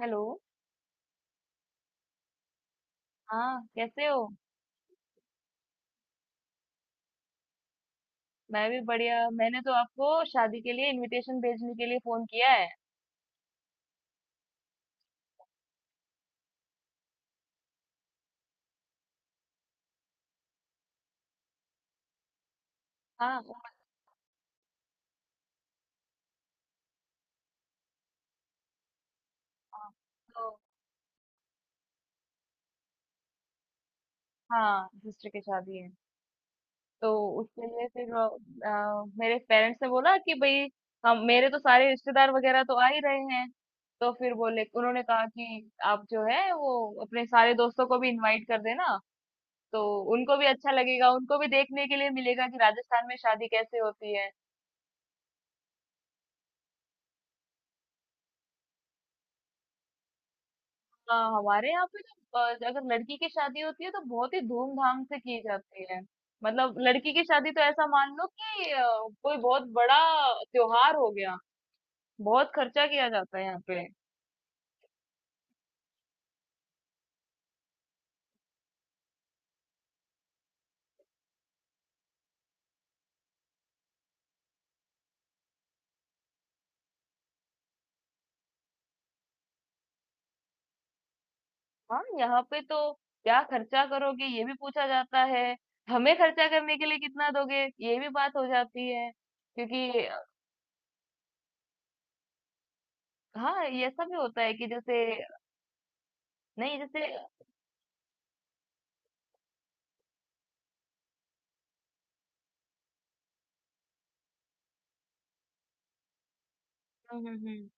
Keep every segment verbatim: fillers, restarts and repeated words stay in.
Hello. हाँ, कैसे हो? मैं भी बढ़िया। मैंने तो आपको शादी के लिए इनविटेशन भेजने के लिए फोन किया है। हाँ उम, हाँ, तो हाँ, सिस्टर की शादी है। तो उसके लिए फिर अ, अ, मेरे पेरेंट्स ने बोला कि भाई हम, मेरे तो सारे रिश्तेदार वगैरह तो आ ही रहे हैं। तो फिर बोले, उन्होंने कहा कि आप जो है वो अपने सारे दोस्तों को भी इनवाइट कर देना। तो उनको भी अच्छा लगेगा, उनको भी देखने के लिए मिलेगा कि राजस्थान में शादी कैसे होती है। अ, हमारे यहाँ पे ना अ, अगर लड़की की शादी होती है तो बहुत ही धूमधाम से की जाती है। मतलब लड़की की शादी तो ऐसा मान लो कि अ, कोई बहुत बड़ा त्योहार हो गया। बहुत खर्चा किया जाता है यहाँ पे। हाँ, यहाँ पे तो क्या खर्चा करोगे ये भी पूछा जाता है। हमें खर्चा करने के लिए कितना दोगे ये भी बात हो जाती है। क्योंकि अ, हाँ, ये ऐसा भी होता है कि जैसे नहीं जैसे हम्म हम्म हम्म।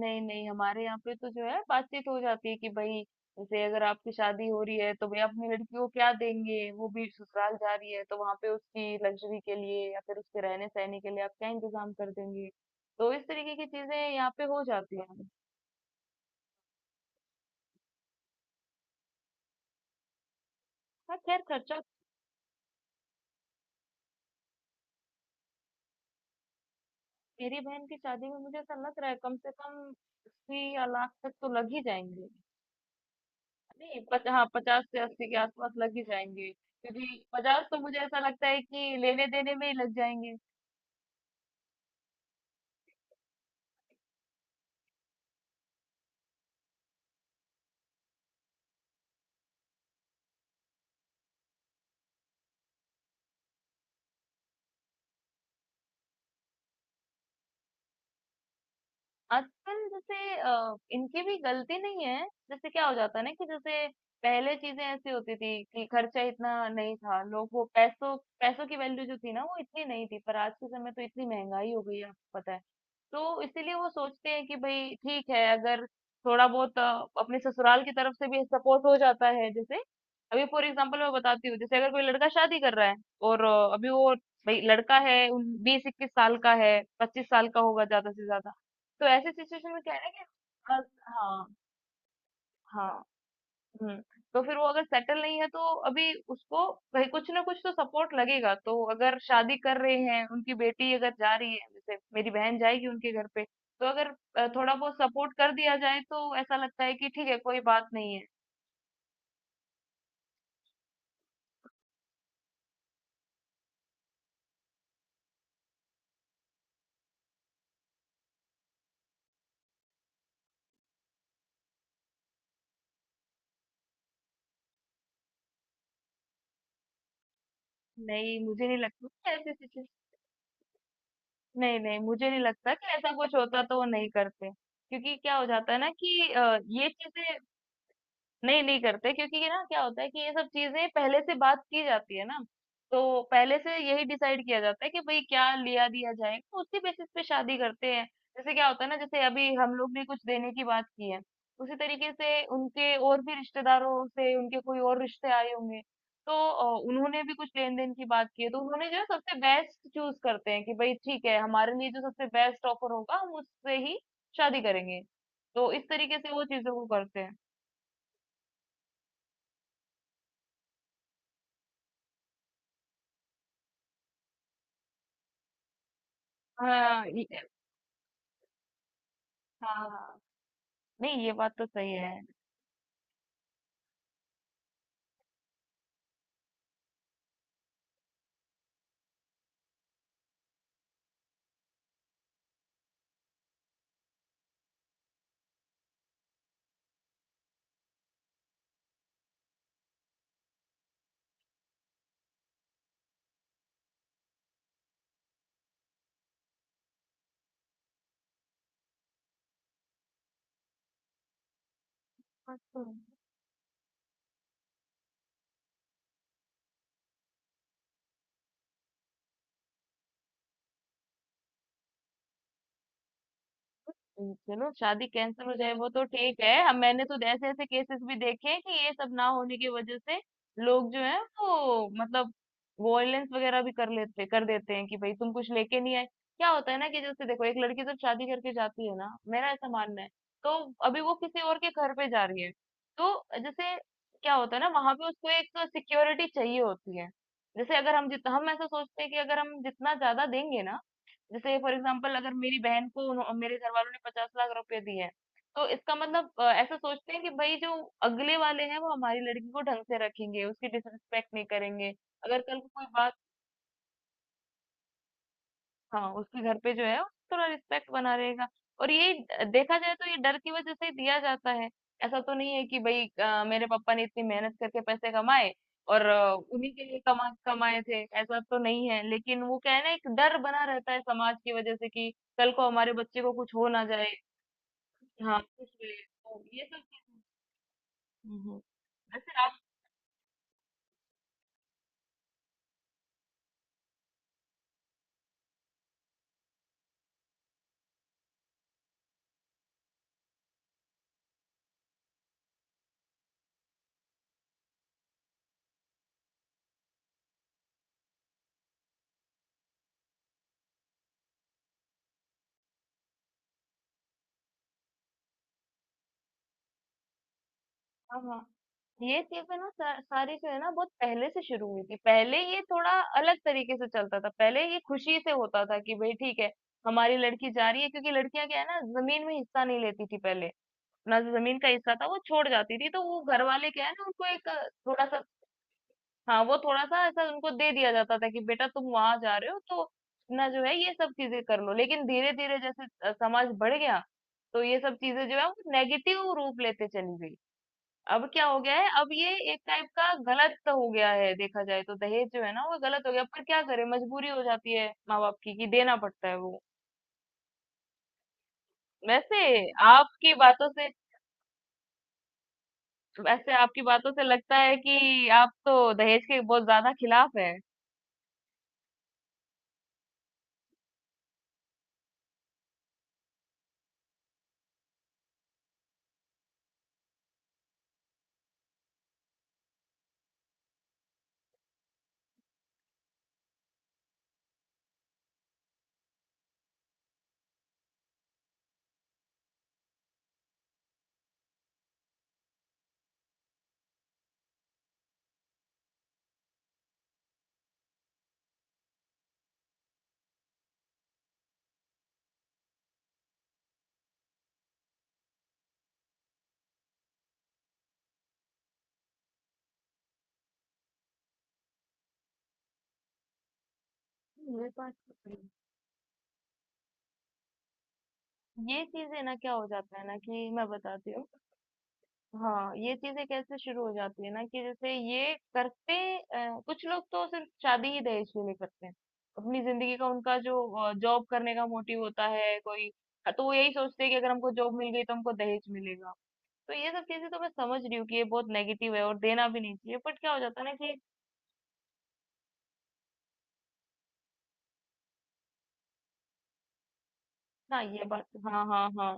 नहीं नहीं, हमारे यहाँ पे तो जो है बातचीत हो जाती है कि भाई जैसे अगर आपकी शादी हो रही है तो भाई अपनी लड़की को क्या देंगे, वो भी ससुराल जा रही है तो वहां पे उसकी लग्जरी के लिए या फिर उसके रहने सहने के लिए आप क्या इंतजाम कर देंगे। तो इस तरीके की चीजें यहाँ पे हो जाती हैं। हाँ खैर खर्चा। मेरी बहन की शादी में मुझे ऐसा लग रहा है कम से कम अस्सी या लाख तक तो लग ही जाएंगे। नहीं पच, हाँ, पचास से अस्सी के आसपास लग ही जाएंगे, क्योंकि पचास तो मुझे ऐसा लगता है कि लेने देने में ही लग जाएंगे। आजकल जैसे अ, इनकी भी गलती नहीं है, जैसे क्या हो जाता है ना कि जैसे पहले चीज़ें ऐसी होती थी कि खर्चा इतना नहीं था, लोग वो पैसों पैसों की वैल्यू जो थी ना वो इतनी नहीं थी, पर आज के समय तो इतनी महँगाई हो गई है आपको पता है। तो इसीलिए वो सोचते हैं कि भई ठीक है, अगर थोड़ा बहुत अ, अपने ससुराल की तरफ से भी सपोर्ट हो जाता है, जैसे, अभी फॉर एग्जांपल मैं बताती हूँ, जैसे अगर कोई लड़का शादी कर रहा है और अ, अभी वो भई लड़का है उन बीस इक्कीस साल का है, पच्चीस साल का होगा ज़्यादा से ज़्यादा। तो ऐसे सिचुएशन में क्या है ना कि अ, हाँ हाँ हम्म। तो फिर वो अगर सेटल नहीं है तो अभी उसको भाई कुछ ना कुछ तो सपोर्ट लगेगा, तो अगर शादी कर रहे हैं, उनकी बेटी अगर जा रही है जैसे मेरी बहन जाएगी उनके घर पे, तो अगर अ, थोड़ा बहुत सपोर्ट कर दिया जाए तो ऐसा लगता है कि ठीक है, कोई बात नहीं है। नहीं, मुझे नहीं लगता कि ऐसी सिचुएशन। नहीं नहीं, मुझे नहीं लगता कि ऐसा कुछ होता तो वो नहीं करते। क्योंकि क्या हो जाता है ना कि अ, ये चीजें नहीं, नहीं करते क्योंकि ये ना क्या होता है कि ये सब चीजें पहले से बात की जाती है ना, तो पहले से यही डिसाइड किया जाता है कि भाई क्या लिया दिया जाएगा, तो उसी बेसिस पे शादी करते हैं। जैसे क्या होता है ना, जैसे अभी हम लोग ने कुछ देने की बात की है, उसी तरीके से उनके और भी रिश्तेदारों से उनके कोई और रिश्ते आए होंगे, तो अ, उन्होंने भी कुछ लेन देन की बात की है, तो उन्होंने जो है सबसे बेस्ट चूज करते हैं कि भाई ठीक है, हमारे लिए जो सबसे बेस्ट ऑफर होगा हम उससे ही शादी करेंगे। तो इस तरीके से वो चीजों को करते हैं। हाँ हाँ हाँ, नहीं ये बात तो सही है। हाँ, तो हम्म, चलो शादी कैंसिल हो जाए वो तो ठीक है, अब मैंने तो ऐसे ऐसे केसेस भी देखे हैं कि ये सब ना होने की वजह से लोग जो है वो मतलब वॉयलेंस वगैरह भी कर लेते कर देते हैं कि भाई तुम कुछ लेके नहीं आए। क्या होता है ना कि जैसे देखो एक लड़की जब शादी करके जाती है ना, मेरा ऐसा मानना है, तो अभी वो किसी और के घर पे जा रही है, तो जैसे क्या होता है ना वहां पे उसको एक सिक्योरिटी चाहिए होती है। जैसे अगर हम जितना हम ऐसा सोचते हैं कि अगर हम जितना ज्यादा देंगे ना, जैसे फॉर एग्जाम्पल अगर मेरी बहन को उन्हों- मेरे घर वालों ने पचास लाख रुपए दिए हैं, तो इसका मतलब अ, ऐसा सोचते हैं कि भाई जो अगले वाले हैं वो हमारी लड़की को ढंग से रखेंगे, उसकी डिसरिस्पेक्ट नहीं करेंगे। अगर कल को कोई बात, हाँ, उसके घर पे जो है थोड़ा रिस्पेक्ट बना रहेगा। और ये ड- देखा जाए तो ये डर की वजह से ही दिया जाता है। ऐसा तो नहीं है कि भाई अ, मेरे पापा ने इतनी मेहनत करके पैसे कमाए और अ, उन्हीं के लिए कमा कमाए थे ऐसा तो नहीं है, लेकिन वो क्या है ना एक डर बना रहता है समाज की वजह से कि कल को हमारे बच्चे को कुछ हो ना जाए। हाँ, कुछ मिले तो ये सब चीज़ें- हम्म, हम्म। वैसे आप, हाँ हाँ। ये चीजें ना सा- सारी जो है ना बहुत पहले से शुरू हुई थी, पहले ये थोड़ा अलग तरीके से चलता था, पहले ये खुशी से होता था कि भाई ठीक है, हमारी लड़की जा रही है, क्योंकि लड़कियां क्या है ना जमीन में हिस्सा नहीं लेती थी पहले, ना जमीन का हिस्सा था वो छोड़ जाती थी, तो वो घर वाले क्या है ना उनको एक अ, थोड़ा सा, हाँ वो थोड़ा सा ऐसा उनको दे दिया जाता था कि बेटा तुम वहां जा रहे हो तो ना जो है ये सब चीजें कर लो। लेकिन धीरे धीरे जैसे अ, समाज बढ़ गया, तो ये सब चीजें जो है वो नेगेटिव रूप लेते चली गई। अब क्या हो गया है, अब ये एक टाइप का गलत हो गया है, देखा जाए तो दहेज जो है ना वो गलत हो गया, पर क्या करें मजबूरी हो जाती है माँ बाप की कि देना पड़ता है वो। वैसे आपकी बातों से वैसे आपकी बातों से लगता है कि आप तो दहेज के बहुत ज्यादा खिलाफ है। मेरे पास तो नहीं। ये चीजें ना क्या हो जाता है ना कि मैं बताती हूँ। हाँ, ये चीजें कैसे शुरू हो जाती है ना कि जैसे ये करते अ, कुछ लोग तो सिर्फ शादी ही दहेज के लिए करते हैं, अपनी जिंदगी का उनका जो जॉब करने का मोटिव होता है कोई, तो वो यही सोचते हैं कि अगर हमको जॉब मिल गई तो हमको दहेज मिलेगा। तो ये सब चीजें तो मैं समझ रही हूँ कि ये बहुत नेगेटिव है और देना भी नहीं चाहिए, बट क्या हो जाता है ना कि हाँ ये बात हाँ हाँ हाँ,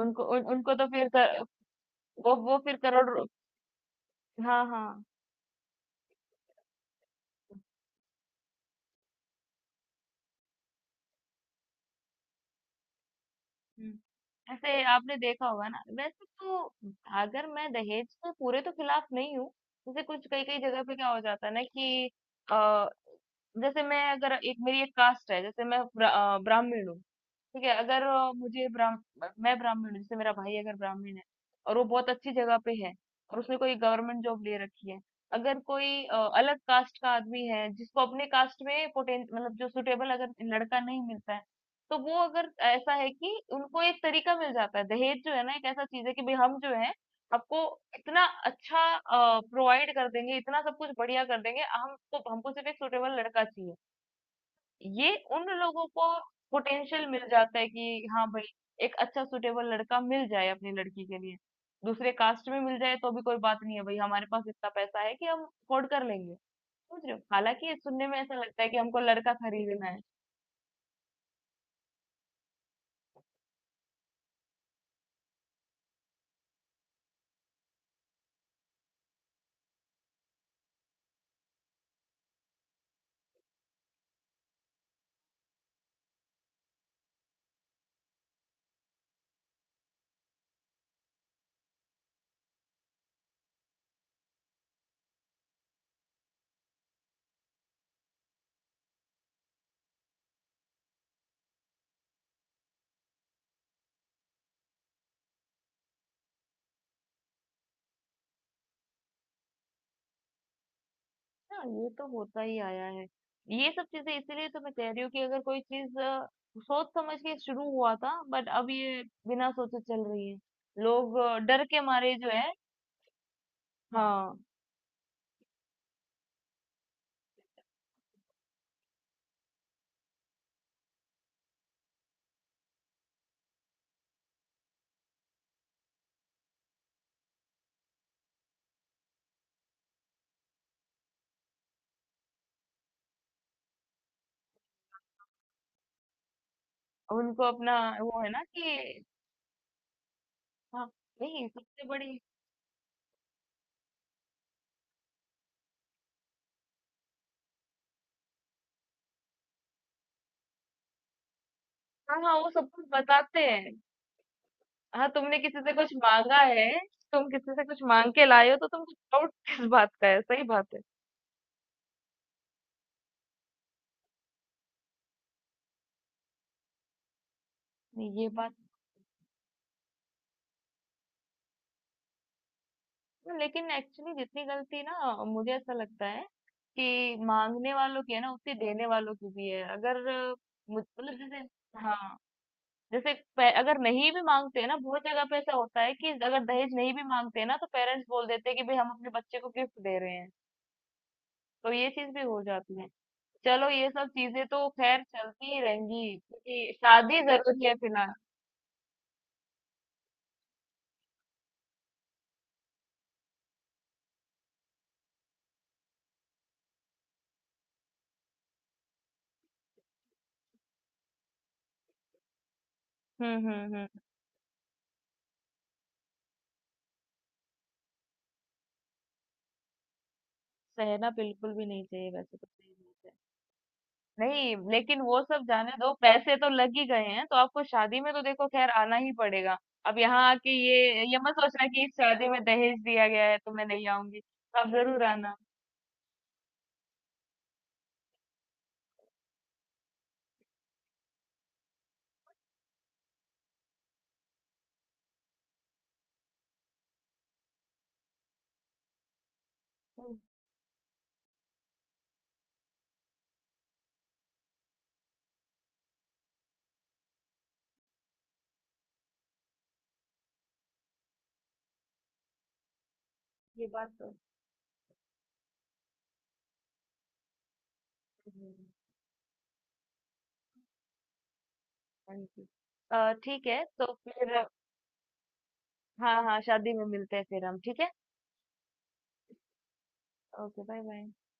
उनको उन, उनको तो फिर कर, वो वो फिर करोड़ हाँ हाँ हुँ। ऐसे आपने देखा होगा ना, वैसे तो अगर मैं दहेज के पूरे तो खिलाफ नहीं हूँ, जैसे कुछ कई-कई जगह पे क्या हो जाता है ना कि अ, जैसे मैं अगर एक, मेरी एक कास्ट है, जैसे मैं ब्रा अ, ब्राह्मण हूँ, ठीक है। अगर अ, मुझे ब्राह्म मैं ब्राह्मण हूँ, जैसे मेरा भाई अगर ब्राह्मण है और वो बहुत अच्छी जगह पे है और उसने कोई गवर्नमेंट जॉब ले रखी है, अगर कोई अ, अलग कास्ट का आदमी है जिसको अपने कास्ट में पोटें मतलब जो सुटेबल अगर लड़का नहीं मिलता है, तो वो अगर ऐसा है कि उनको एक तरीका मिल जाता है, दहेज जो है ना एक ऐसा चीज है कि भाई हम जो है आपको इतना अच्छा प्रोवाइड कर देंगे, इतना सब कुछ बढ़िया कर देंगे, हमको हमको सिर्फ एक सुटेबल लड़का चाहिए। ये उन लोगों को पोटेंशियल मिल जाता है कि हाँ भाई एक अच्छा सुटेबल लड़का मिल जाए अपनी लड़की के लिए, दूसरे कास्ट में मिल जाए तो भी कोई बात नहीं है, भाई हमारे पास इतना पैसा है कि हम अफोर्ड कर लेंगे। समझ रहे हो, हालांकि ये सुनने में ऐसा लगता है कि हमको लड़का खरीदना है। हाँ, ये तो होता ही आया है। ये सब चीजें इसीलिए तो मैं कह रही हूँ कि अगर कोई चीज अ, सोच समझ के शुरू हुआ था, बट अब ये बिना सोचे चल रही है, लोग अ, डर के मारे जो है, हाँ उनको अपना, वो है ना कि हाँ, नहीं सबसे बड़ी। हाँ हाँ, वो सब कुछ बताते हैं। हाँ, तुमने किसी से कुछ मांगा है, तुम किसी से कुछ मांग के लाए हो तो तुमको डाउट किस बात का है, सही बात है। नहीं ये बात, लेकिन एक्चुअली जितनी गलती ना मुझे ऐसा लगता है कि मांगने वालों की है ना उतनी देने वालों की भी है। अगर मुझ- मतलब जैसे, हाँ जैसे पे- अगर नहीं भी मांगते हैं ना, बहुत जगह पे ऐसा होता है कि अगर दहेज नहीं भी मांगते हैं ना, तो पेरेंट्स बोल देते हैं कि भाई हम अपने बच्चे को गिफ्ट दे रहे हैं। तो ये चीज भी हो जाती है। चलो ये सब चीजें तो खैर चलती ही रहेंगी क्योंकि शादी जरूरी है फिलहाल। हम्म हम्म हम्म। सहना बिल्कुल भी नहीं चाहिए वैसे तो, सही बात है। नहीं लेकिन वो सब जाने दो, पैसे तो लग ही गए हैं, तो आपको शादी में तो देखो खैर आना ही पड़ेगा। अब यहाँ आके ये ये मत सोचना कि इस शादी में दहेज दिया गया है तो मैं नहीं आऊंगी। आप जरूर आना। हम्म, ये बात तो हम्म, थैंक यू। अ, ठीक है तो फिर, हाँ हाँ, शादी में मिलते हैं फिर हम, ठीक है। Okay bye bye.